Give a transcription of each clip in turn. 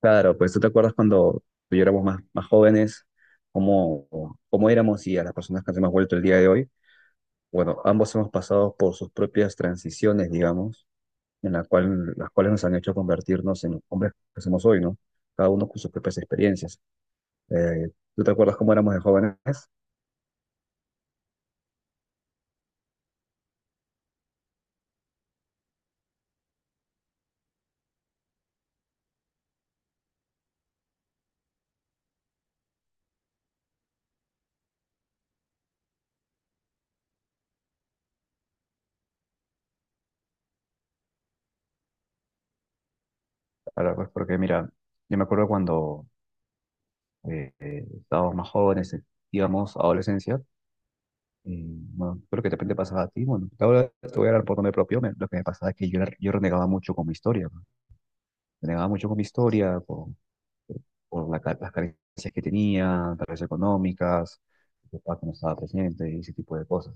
Claro, pues tú te acuerdas cuando tú y yo éramos más jóvenes, cómo, cómo éramos y a las personas que nos hemos vuelto el día de hoy. Bueno, ambos hemos pasado por sus propias transiciones, digamos, las cuales nos han hecho convertirnos en los hombres que somos hoy, ¿no? Cada uno con sus propias experiencias. Eh, ¿Tú te acuerdas cómo éramos de jóvenes? Ahora, pues porque mira, yo me acuerdo cuando eh, estábamos más jóvenes, digamos, adolescencia. Eh, bueno, creo que de repente pasaba a ti. Bueno, ahora te voy a hablar por nombre propio. Lo que me pasaba es que yo renegaba mucho con mi historia, ¿no? Renegaba mucho con mi historia, por la las carencias que tenía, tal vez económicas, mi papá que no estaba presente y ese tipo de cosas.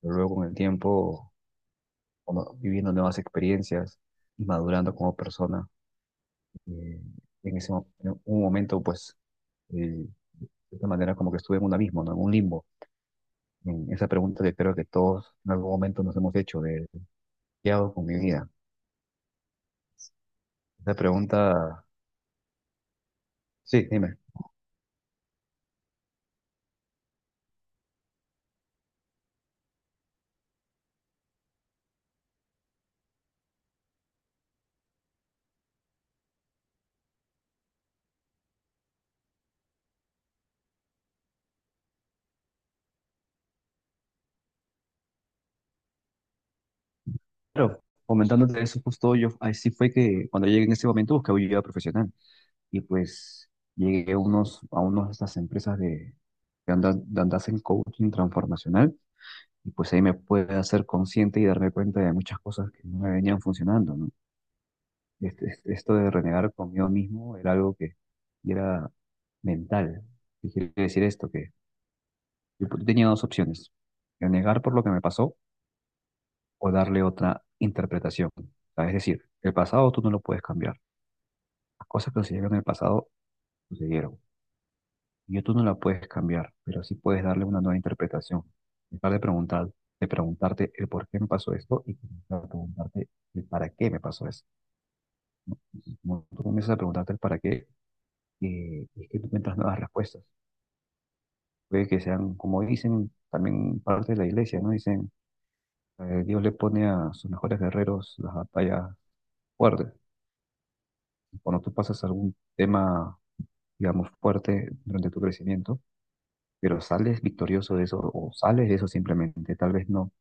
Pero luego con el tiempo, viviendo nuevas experiencias y madurando como persona, eh, en ese en un momento, pues, de esta manera como que estuve en un abismo, ¿no? En un limbo. En esa pregunta que creo que todos en algún momento nos hemos hecho, ¿qué hago con mi vida? Esa pregunta, sí, dime. Pero comentándote eso, justo yo, así fue que cuando llegué en ese momento busqué ayuda profesional y pues llegué a a unas de estas empresas de, de hacen coaching transformacional y pues ahí me pude hacer consciente y darme cuenta de muchas cosas que no me venían funcionando, ¿no? Esto de renegar conmigo mismo era algo que era mental. ¿Qué quiere decir esto? Que yo tenía dos opciones, renegar por lo que me pasó o darle otra interpretación. Es decir, el pasado tú no lo puedes cambiar. Las cosas que sucedieron en el pasado sucedieron. Y tú no la puedes cambiar, pero sí puedes darle una nueva interpretación. Dejar de preguntar, de preguntarte el por qué me pasó esto y comenzar a preguntarte el para qué me pasó eso. Como tú comienzas a preguntarte el para qué, es que tú encuentras nuevas respuestas. Puede que sean, como dicen también parte de la iglesia, ¿no? Dicen, Dios le pone a sus mejores guerreros las batallas fuertes. Cuando tú pasas algún tema, digamos, fuerte durante tu crecimiento, pero sales victorioso de eso o sales de eso simplemente,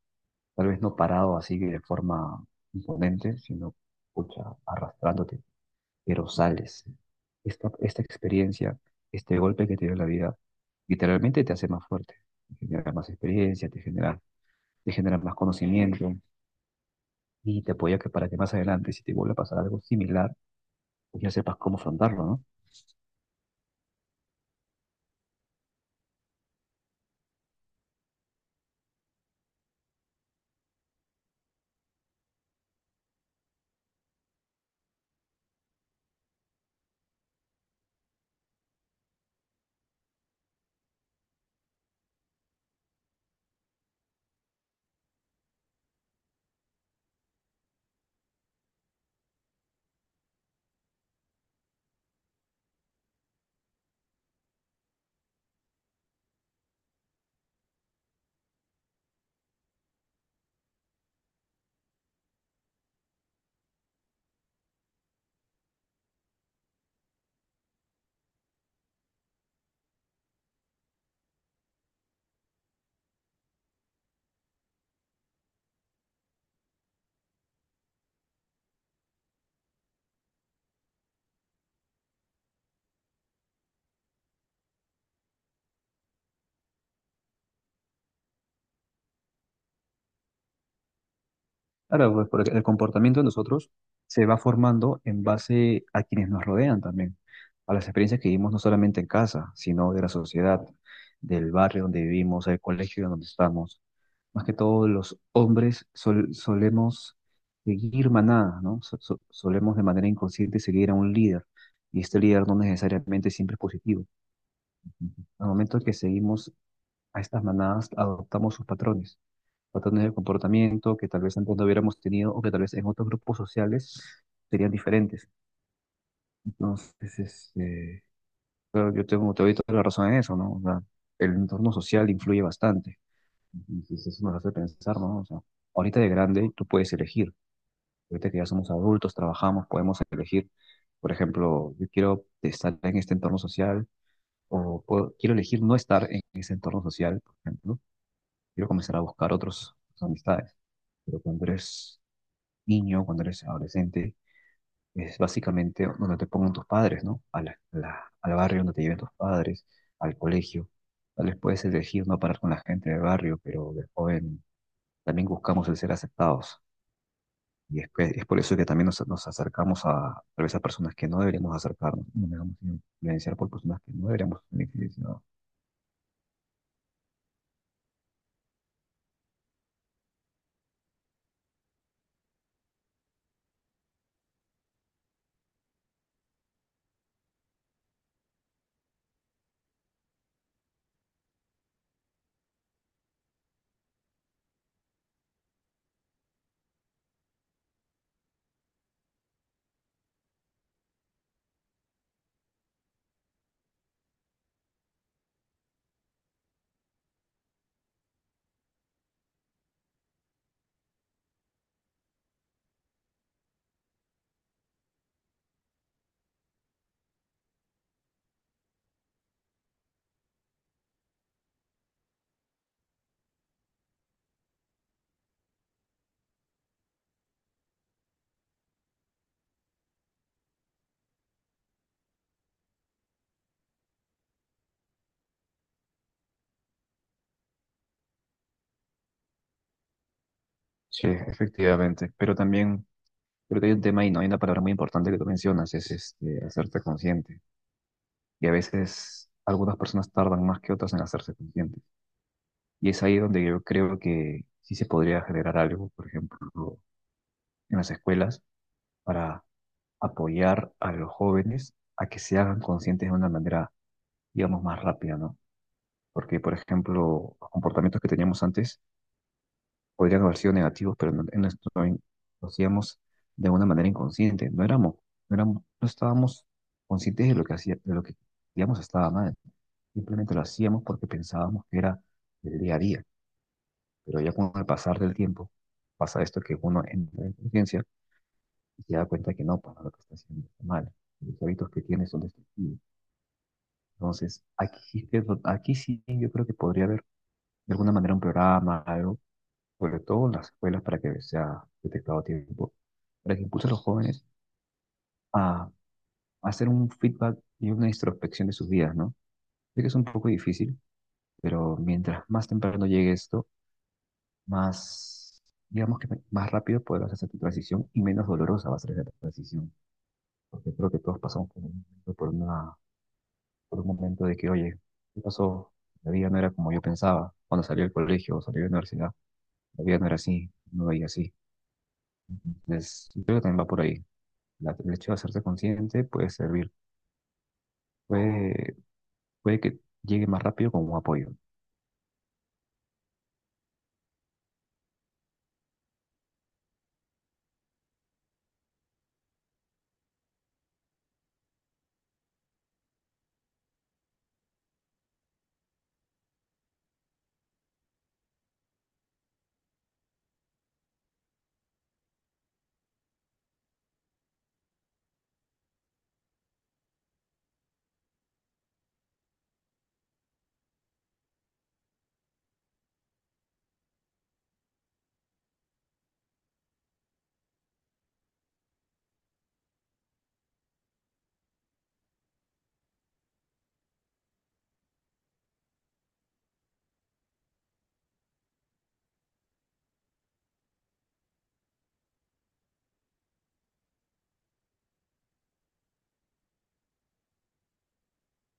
tal vez no parado así de forma imponente, sino pucha, arrastrándote, pero sales. Esta experiencia, este golpe que te dio la vida, literalmente te hace más fuerte, te genera más experiencia, te genera más conocimiento y te apoya que para que más adelante, si te vuelve a pasar algo similar, pues ya sepas cómo afrontarlo, ¿no? Claro, pues porque el comportamiento de nosotros se va formando en base a quienes nos rodean también, a las experiencias que vivimos no solamente en casa, sino de la sociedad, del barrio donde vivimos, del colegio donde estamos. Más que todo, los hombres solemos seguir manada, ¿no? Solemos de manera inconsciente seguir a un líder, y este líder no necesariamente siempre es positivo. Al momento que seguimos a estas manadas, adoptamos sus patrones de comportamiento que tal vez antes no hubiéramos tenido o que tal vez en otros grupos sociales serían diferentes. Entonces, este, claro, te doy toda la razón en eso, ¿no? O sea, el entorno social influye bastante. Entonces, eso nos hace pensar, ¿no? O sea, ahorita de grande tú puedes elegir. Ahorita que ya somos adultos, trabajamos, podemos elegir. Por ejemplo, yo quiero estar en este entorno social o quiero elegir no estar en ese entorno social, por ejemplo. Quiero comenzar a buscar otras amistades. Pero cuando eres niño, cuando eres adolescente, es básicamente donde te pongan tus padres, ¿no? Al barrio donde te lleven tus padres, al colegio. Tal vez puedes elegir no parar con la gente del barrio, pero de joven también buscamos el ser aceptados. Es por eso que también nos acercamos a, tal vez a personas que no deberíamos acercarnos, nos dejamos influenciar por personas que no deberíamos ser influenciados. Sí, efectivamente. Pero también, creo que hay un tema y no hay una palabra muy importante que tú mencionas, es este, hacerte consciente. Y a veces algunas personas tardan más que otras en hacerse conscientes. Y es ahí donde yo creo que sí se podría generar algo, por ejemplo, en las escuelas, para apoyar a los jóvenes a que se hagan conscientes de una manera, digamos, más rápida, ¿no? Porque, por ejemplo, los comportamientos que teníamos antes podrían haber sido negativos, pero en nuestro, lo hacíamos de una manera inconsciente. No éramos, no estábamos conscientes de lo que hacía, de lo que, digamos, estaba mal. Simplemente lo hacíamos porque pensábamos que era el día a día. Pero ya con el pasar del tiempo pasa esto que uno entra en conciencia y se da cuenta que no, para lo que está haciendo está mal. Los hábitos que tiene son destructivos. Entonces, aquí sí yo creo que podría haber de alguna manera un programa, algo, sobre todo en las escuelas para que sea detectado a tiempo, para que impulse a los jóvenes a hacer un feedback y una introspección de sus vidas, ¿no? Sé que es un poco difícil, pero mientras más temprano llegue esto, más, digamos que más rápido podrás hacer tu transición y menos dolorosa va a ser esa transición. Porque creo que todos pasamos por un momento, por un momento de que, oye, ¿qué pasó? La vida no era como yo pensaba cuando salí del colegio o salí de la universidad. La vida no era así, no veía así. Entonces, yo creo que también va por ahí. El hecho de hacerse consciente puede servir, puede, puede que llegue más rápido como un apoyo.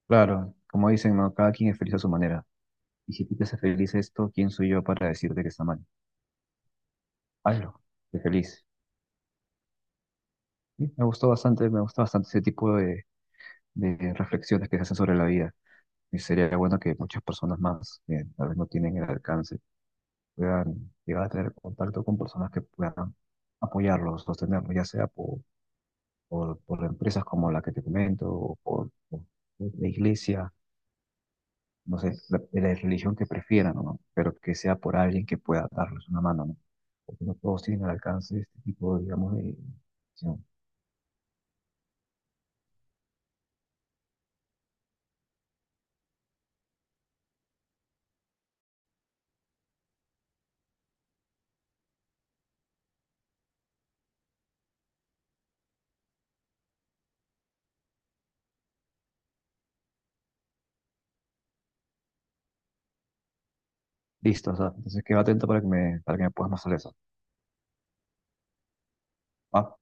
Claro, como dicen, ¿no? Cada quien es feliz a su manera. Y si tú te haces feliz esto, ¿quién soy yo para decirte que está mal? Hazlo, sé feliz. Sí, me gustó bastante ese tipo de reflexiones que se hacen sobre la vida. Y sería bueno que muchas personas más, que tal vez no tienen el alcance, puedan llegar a tener contacto con personas que puedan apoyarlos, sostenerlos, ya sea por empresas como la que te comento, por la iglesia, no sé, la, de la religión que prefieran, ¿no? Pero que sea por alguien que pueda darles una mano, ¿no? Porque no todos tienen al alcance este tipo, digamos, de... acción. Listo, o sea, entonces quedo atento para que para que me puedas más sobre eso. Ah,